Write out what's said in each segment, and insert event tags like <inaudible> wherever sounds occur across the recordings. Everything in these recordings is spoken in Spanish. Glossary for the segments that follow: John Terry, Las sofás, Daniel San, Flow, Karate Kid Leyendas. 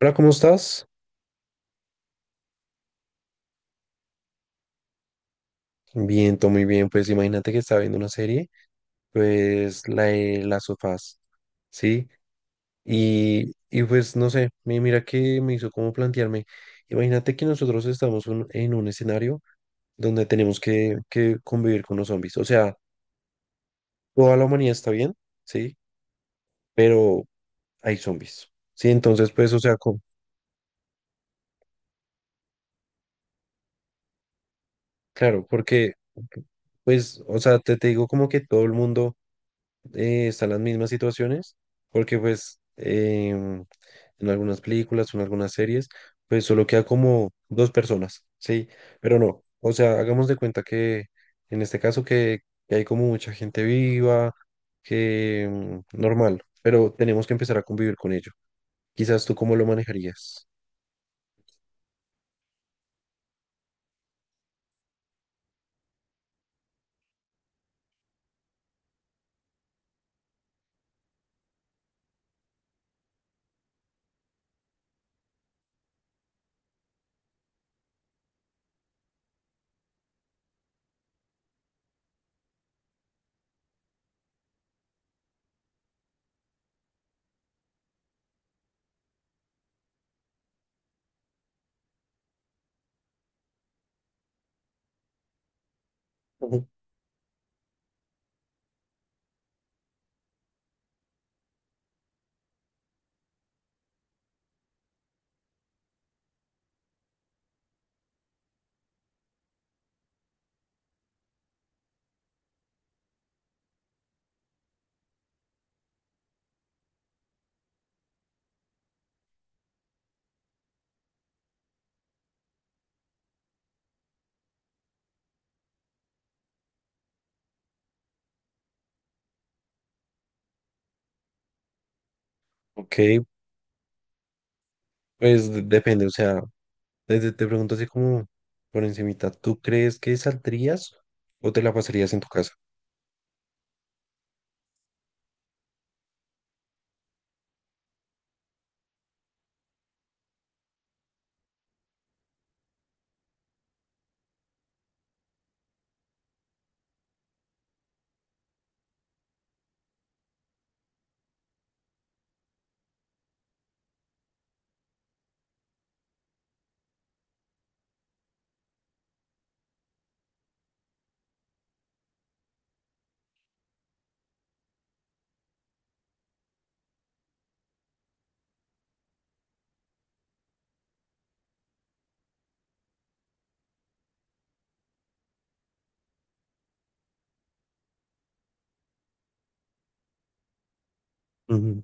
Hola, ¿cómo estás? Bien, todo muy bien. Pues imagínate que estaba viendo una serie, pues la de Las sofás, ¿sí? Y pues no sé, mira que me hizo como plantearme. Imagínate que nosotros estamos en un escenario donde tenemos que convivir con los zombies. O sea, toda la humanidad está bien, ¿sí? Pero hay zombies, ¿sí? Entonces, pues, o sea, claro, porque, pues, o sea, te digo como que todo el mundo están las mismas situaciones, porque pues en algunas películas o en algunas series, pues solo queda como dos personas, ¿sí? Pero no, o sea, hagamos de cuenta que en este caso que hay como mucha gente viva, que normal, pero tenemos que empezar a convivir con ello. Quizás tú cómo lo manejarías. Ujú. Ok, pues depende, o sea, desde te pregunto así como por encimita, ¿tú crees que saldrías o te la pasarías en tu casa? Ujú.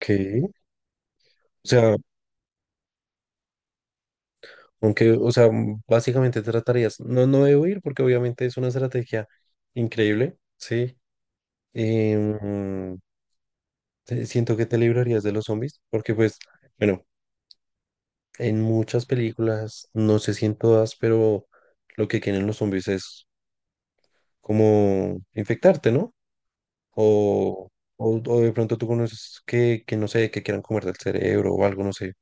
Ok. O sea, aunque, o sea, básicamente tratarías, no, no debo ir porque obviamente es una estrategia increíble, ¿sí? Em, siento que te librarías de los zombies, porque pues, bueno, en muchas películas, no sé si en todas, pero lo que quieren los zombies es como infectarte, ¿no? O, o de pronto tú conoces que no sé, que quieran comerte el cerebro o algo, no sé.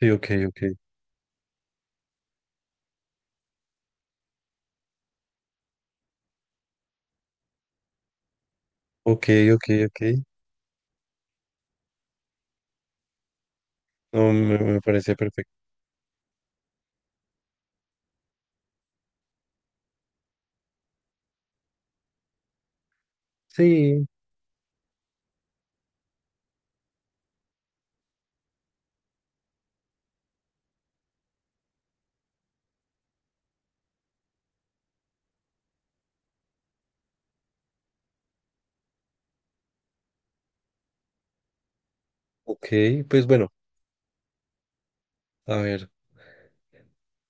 Sí, ok, ok. Ok, ok, ok. No, me parece perfecto. Sí, ok, pues bueno, a ver.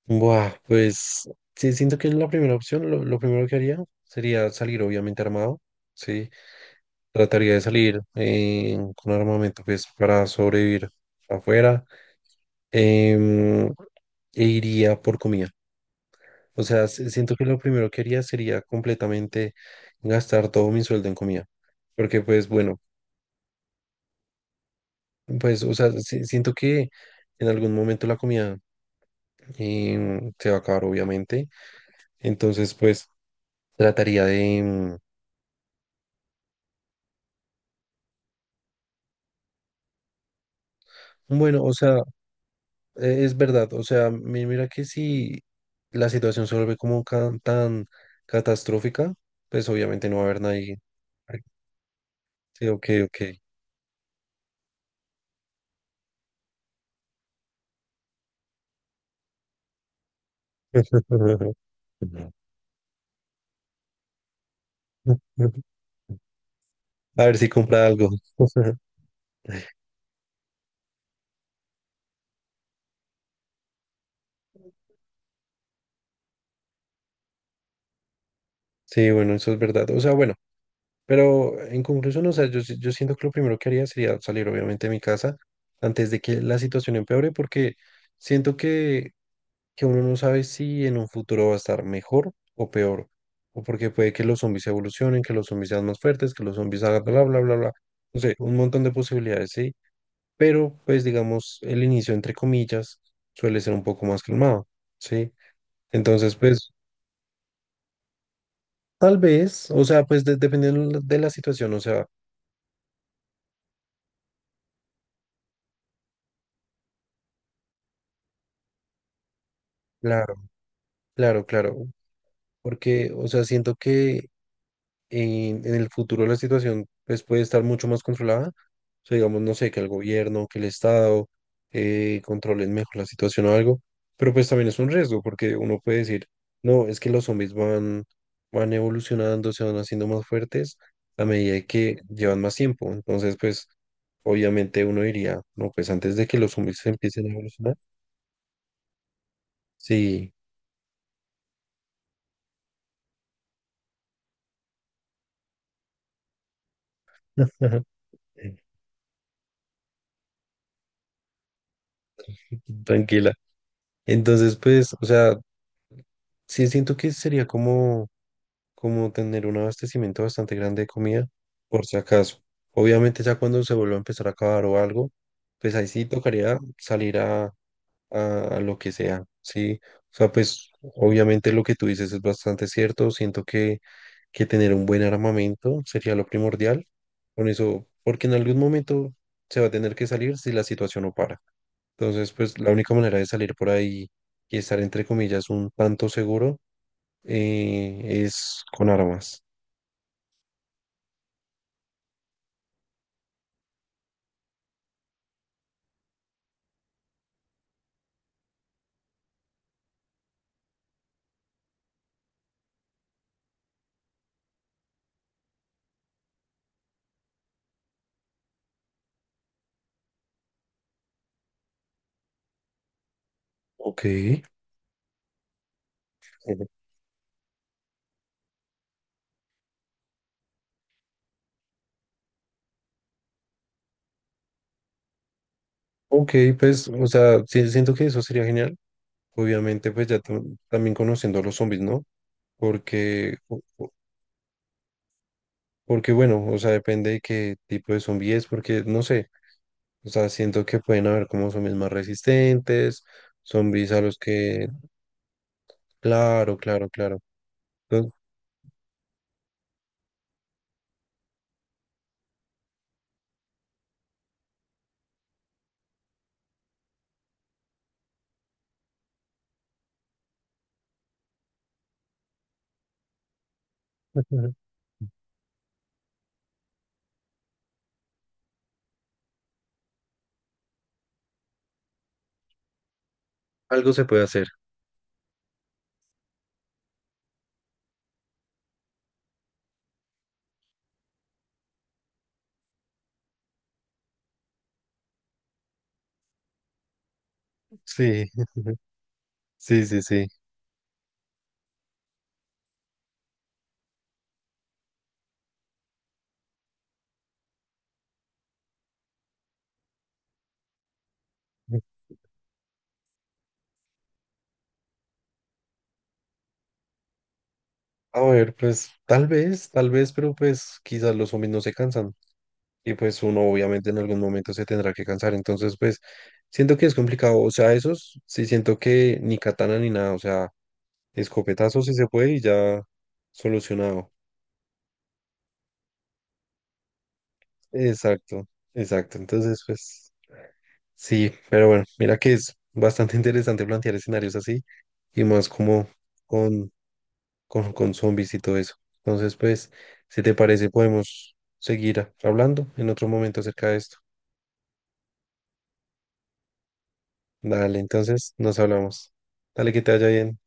Buah, pues sí, siento que la primera opción, lo primero que haría sería salir obviamente armado, ¿sí? Trataría de salir con armamento pues para sobrevivir afuera em, e iría por comida. O sea, siento que lo primero que haría sería completamente gastar todo mi sueldo en comida. Porque pues bueno, pues o sea, siento que en algún momento la comida se va a acabar obviamente. Entonces, pues... Trataría de, bueno, o sea, es verdad, o sea, mira que si la situación se vuelve como tan catastrófica, pues obviamente no va a haber nadie. Sí, ok, ok. <laughs> A ver si compra algo. <laughs> Sí, bueno, eso es verdad. O sea, bueno, pero en conclusión, o sea, yo, yo siento que lo primero que haría sería salir obviamente de mi casa antes de que la situación empeore, porque siento que uno no sabe si en un futuro va a estar mejor o peor, o porque puede que los zombies evolucionen, que los zombies sean más fuertes, que los zombies hagan bla, bla, bla, bla. No sé, un montón de posibilidades, sí, pero pues digamos, el inicio, entre comillas, suele ser un poco más calmado, ¿sí? Entonces, pues, tal vez, o sea, pues dependiendo de la situación, o sea, claro, claro, claro, porque, o sea, siento que en el futuro la situación pues, puede estar mucho más controlada. O sea, digamos, no sé, que el gobierno, que el Estado controlen mejor la situación o algo, pero pues también es un riesgo porque uno puede decir, no, es que los zombies van, van evolucionando, se van haciendo más fuertes a medida de que llevan más tiempo. Entonces, pues, obviamente uno diría, no, pues antes de que los zombies empiecen a evolucionar, sí. <laughs> Tranquila. Entonces, pues, o sea, sí siento que sería como tener un abastecimiento bastante grande de comida, por si acaso. Obviamente ya cuando se vuelva a empezar a acabar o algo, pues ahí sí tocaría salir a, a lo que sea, ¿sí? O sea, pues obviamente lo que tú dices es bastante cierto. Siento que tener un buen armamento sería lo primordial con eso, porque en algún momento se va a tener que salir si la situación no para. Entonces, pues la única manera de salir por ahí y estar entre comillas un tanto seguro es con armas. Ok, ujú. Ok, pues, o sea, sí, siento que eso sería genial. Obviamente, pues ya también conociendo a los zombies, ¿no? Porque, porque bueno, o sea, depende de qué tipo de zombie es, porque no sé, o sea, siento que pueden haber como zombies más resistentes, zombies a los que, claro, claro, claro. Entonces, <laughs> algo se puede hacer. Sí, <laughs> sí, sí, sí. A ver, pues tal vez, pero pues quizás los zombies no se cansan. Y pues uno obviamente en algún momento se tendrá que cansar. Entonces, pues siento que es complicado. O sea, esos sí siento que ni katana ni nada. O sea, escopetazo si se puede y ya solucionado. Exacto, exacto. Entonces, pues sí, pero bueno, mira que es bastante <laughs> interesante plantear escenarios así y más como con, con zombies y todo eso. Entonces, pues, si te parece, podemos seguir hablando en otro momento acerca de esto. Dale, entonces nos hablamos. Dale, que te vaya bien.